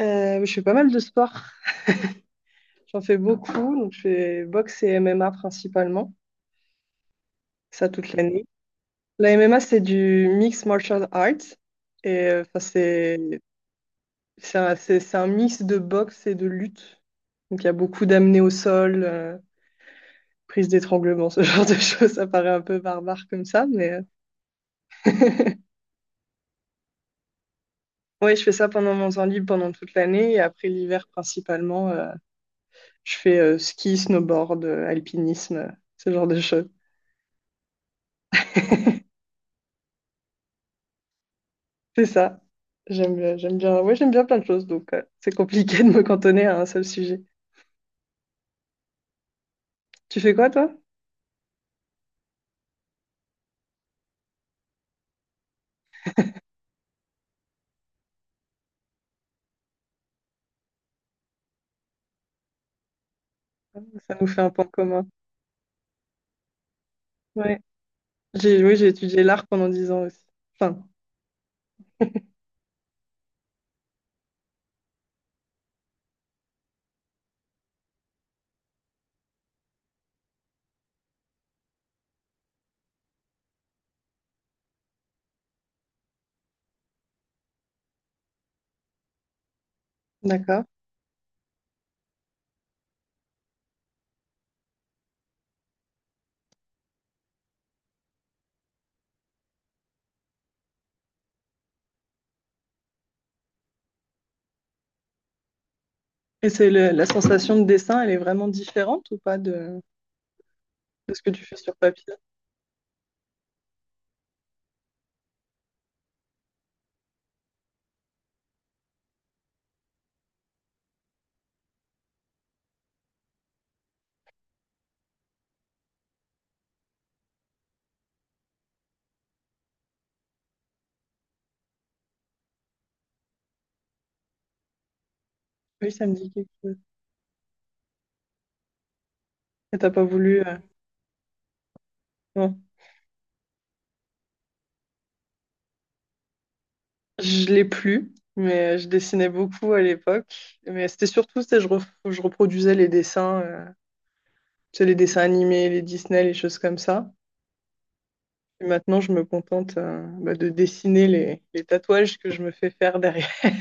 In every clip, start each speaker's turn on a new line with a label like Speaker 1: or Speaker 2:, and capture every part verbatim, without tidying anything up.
Speaker 1: Euh, je fais pas mal de sport. J'en fais beaucoup. Donc, je fais boxe et M M A principalement. Ça toute l'année. La M M A, c'est du mixed martial arts. Et euh, enfin, c'est c'est un, c'est- c'est un mix de boxe et de lutte. Donc, il y a beaucoup d'amener au sol, euh, prise d'étranglement, ce genre de choses. Ça paraît un peu barbare comme ça. Mais oui, je fais ça pendant mon temps libre, pendant toute l'année. Et après l'hiver, principalement, euh, je fais euh, ski, snowboard, euh, alpinisme, euh, ce genre de choses. C'est ça. J'aime bien, j'aime bien, ouais, j'aime bien plein de choses, donc euh, c'est compliqué de me cantonner à un seul sujet. Tu fais quoi, toi? Ça nous fait un point commun. Ouais. J'ai, oui, j'ai étudié l'art pendant dix ans aussi. Enfin, d'accord. Et c'est le- la sensation de dessin, elle est vraiment différente ou pas de, de ce que tu fais sur papier? Oui, ça me dit quelque chose. Et t'as pas voulu. euh, Non. Je l'ai plus, mais je dessinais beaucoup à l'époque. Mais c'était surtout, c'est je, ref- je reproduisais les dessins, euh, tu sais, les dessins animés, les Disney, les choses comme ça. Et maintenant, je me contente euh, bah, de dessiner les, les tatouages que je me fais faire derrière.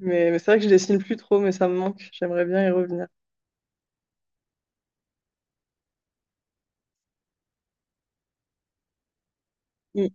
Speaker 1: Mais, mais c'est vrai que je dessine plus trop, mais ça me manque. J'aimerais bien y revenir. Mm.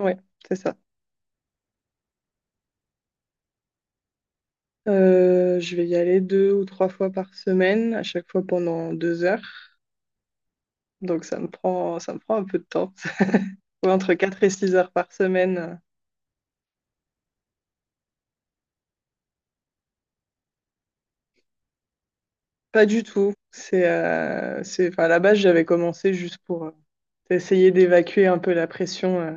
Speaker 1: Ouais, c'est ça. Euh, je vais y aller deux ou trois fois par semaine, à chaque fois pendant deux heures. Donc ça me prend, ça me prend un peu de temps. Ouais, entre quatre et six heures par semaine. euh, Pas du tout. C'est, euh, c'est, enfin, à la base, j'avais commencé juste pour euh, essayer d'évacuer un peu la pression euh,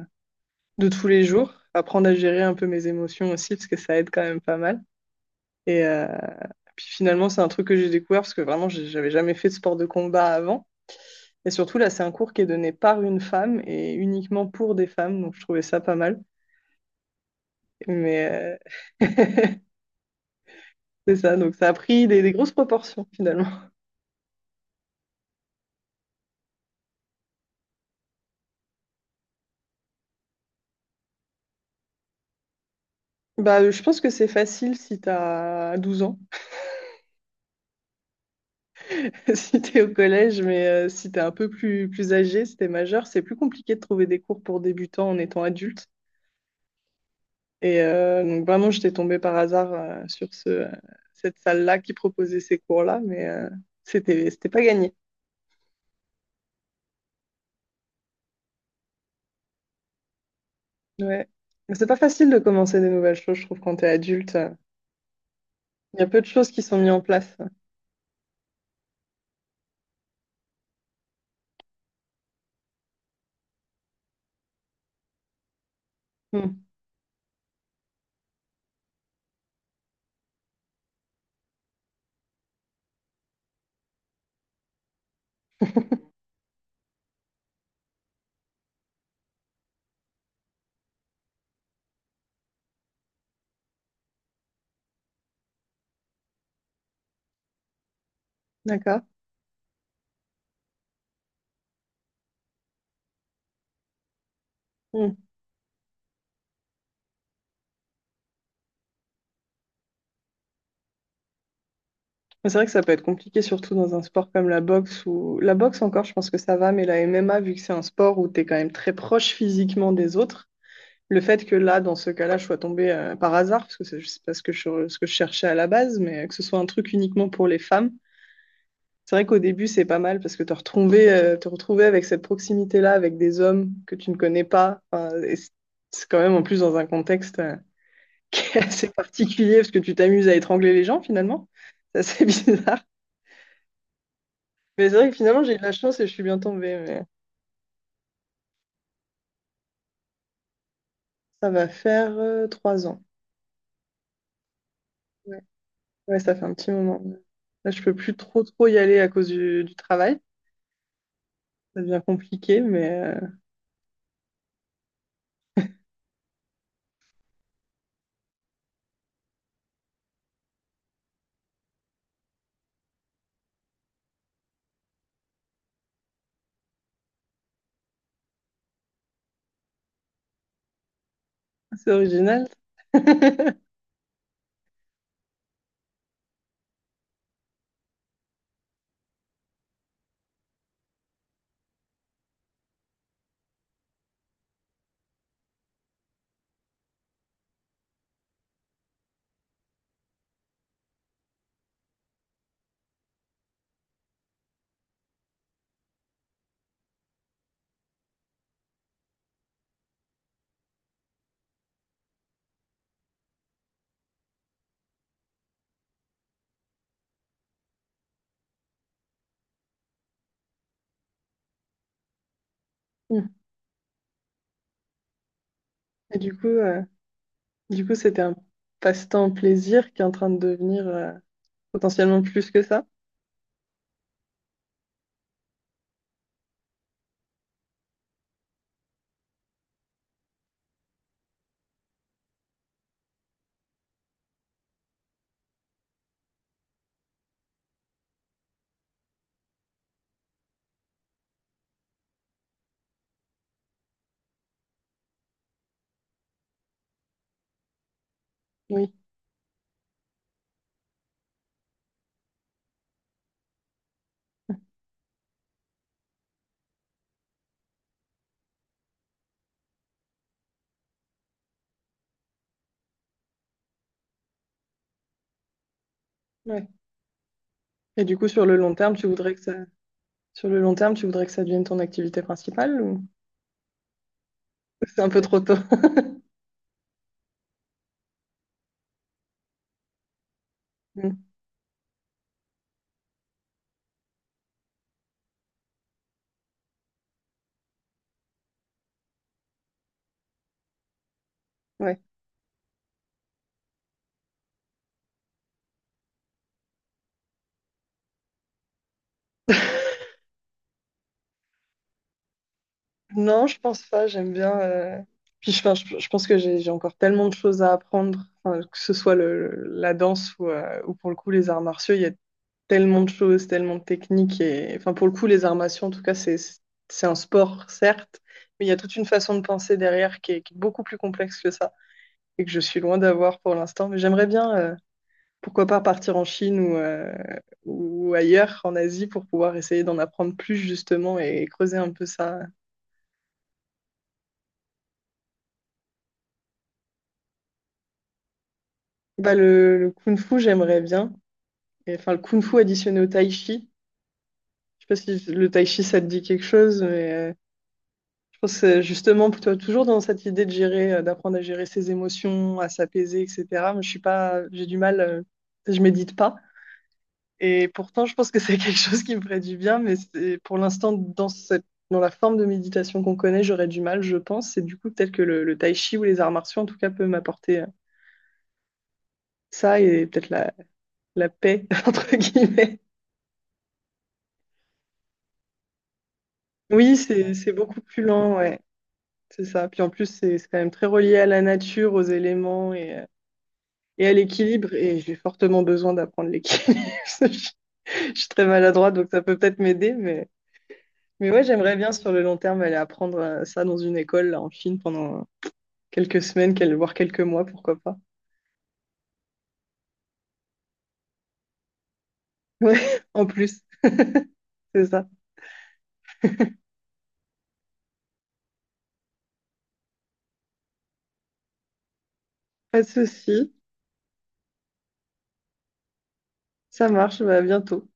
Speaker 1: de tous les jours, apprendre à gérer un peu mes émotions aussi, parce que ça aide quand même pas mal. Et euh, puis finalement, c'est un truc que j'ai découvert parce que vraiment, j'avais jamais fait de sport de combat avant. Et surtout, là, c'est un cours qui est donné par une femme et uniquement pour des femmes. Donc, je trouvais ça pas mal. Mais euh, c'est ça. Donc, ça a pris des, des grosses proportions finalement. Bah, euh, je pense que c'est facile si t'as douze ans, si t'es au collège, mais euh, si t'es un peu plus, plus âgé, si t'es majeur, c'est plus compliqué de trouver des cours pour débutants en étant adulte. Et euh, donc vraiment, j'étais tombée par hasard euh, sur ce, euh, cette salle-là qui proposait ces cours-là, mais euh, c'était, c'était pas gagné. Ouais. Mais c'est pas facile de commencer des nouvelles choses, je trouve, quand t'es adulte. Il y a peu de choses qui sont mises en place. Hmm. D'accord. Hmm. Mais c'est vrai que ça peut être compliqué, surtout dans un sport comme la boxe ou la boxe encore, je pense que ça va, mais la M M A, vu que c'est un sport où t'es quand même très proche physiquement des autres, le fait que là, dans ce cas-là, je sois tombée euh, par hasard, parce que c'est je sais pas ce que, je, ce que je cherchais à la base, mais que ce soit un truc uniquement pour les femmes, c'est vrai qu'au début, c'est pas mal, parce que te retrouver, euh, te retrouver avec cette proximité-là, avec des hommes que tu ne connais pas, enfin, et c'est c'est quand même en plus dans un contexte euh, qui est assez particulier, parce que tu t'amuses à étrangler les gens, finalement. C'est assez bizarre. Mais c'est vrai que finalement, j'ai eu de la chance et je suis bien tombée. Mais ça va faire euh, trois ans. Ouais. Ouais, ça fait un petit moment. Là, je peux plus trop, trop y aller à cause du, du travail. Ça devient compliqué, mais euh, c'est original. Et du coup, euh, du coup, c'était un passe-temps plaisir qui est en train de devenir euh, potentiellement plus que ça. Oui. Ouais. Et du coup, sur le long terme, tu voudrais que ça, sur le long terme, tu voudrais que ça devienne ton activité principale ou c'est un peu trop tôt? Mm. Ouais. Non, je pense pas. J'aime bien. euh, Puis je, enfin, je, je pense que j'ai j'ai encore tellement de choses à apprendre, enfin, que ce soit le, la danse ou, euh, ou pour le coup les arts martiaux. Il y a tellement de choses, tellement de techniques. Et... Enfin, pour le coup, les armations, en tout cas, c'est, c'est un sport, certes, mais il y a toute une façon de penser derrière qui est, qui est beaucoup plus complexe que ça et que je suis loin d'avoir pour l'instant. Mais j'aimerais bien, euh, pourquoi pas, partir en Chine ou, euh, ou ailleurs, en Asie, pour pouvoir essayer d'en apprendre plus, justement, et creuser un peu ça. Bah, le, le kung-fu, j'aimerais bien. Et, enfin, le kung-fu additionné au tai chi. Je sais pas si le tai chi, ça te dit quelque chose, mais... euh, Je pense euh, justement plutôt toujours dans cette idée de gérer, euh, d'apprendre à gérer ses émotions, à s'apaiser, et cetera. Mais je suis pas, j'ai du mal, euh, je médite pas. Et pourtant, je pense que c'est quelque chose qui me ferait du bien, mais c'est- pour l'instant, dans cette, dans la forme de méditation qu'on connaît, j'aurais du mal, je pense. Et du coup, peut-être que le, le tai chi ou les arts martiaux, en tout cas, peut m'apporter euh, ça et peut-être la, la paix, entre guillemets. Oui, c'est, c'est beaucoup plus lent, ouais, c'est ça. Puis en plus, c'est c'est quand même très relié à la nature, aux éléments et euh, et à l'équilibre. Et j'ai fortement besoin d'apprendre l'équilibre. je, je suis très maladroite, donc ça peut peut-être m'aider. Mais, mais ouais, j'aimerais bien sur le long terme aller apprendre euh, ça dans une école là, en Chine pendant quelques semaines, quel- voire quelques mois, pourquoi pas. Ouais, en plus. C'est ça. Pas de souci. Ça marche. Bah, à bientôt.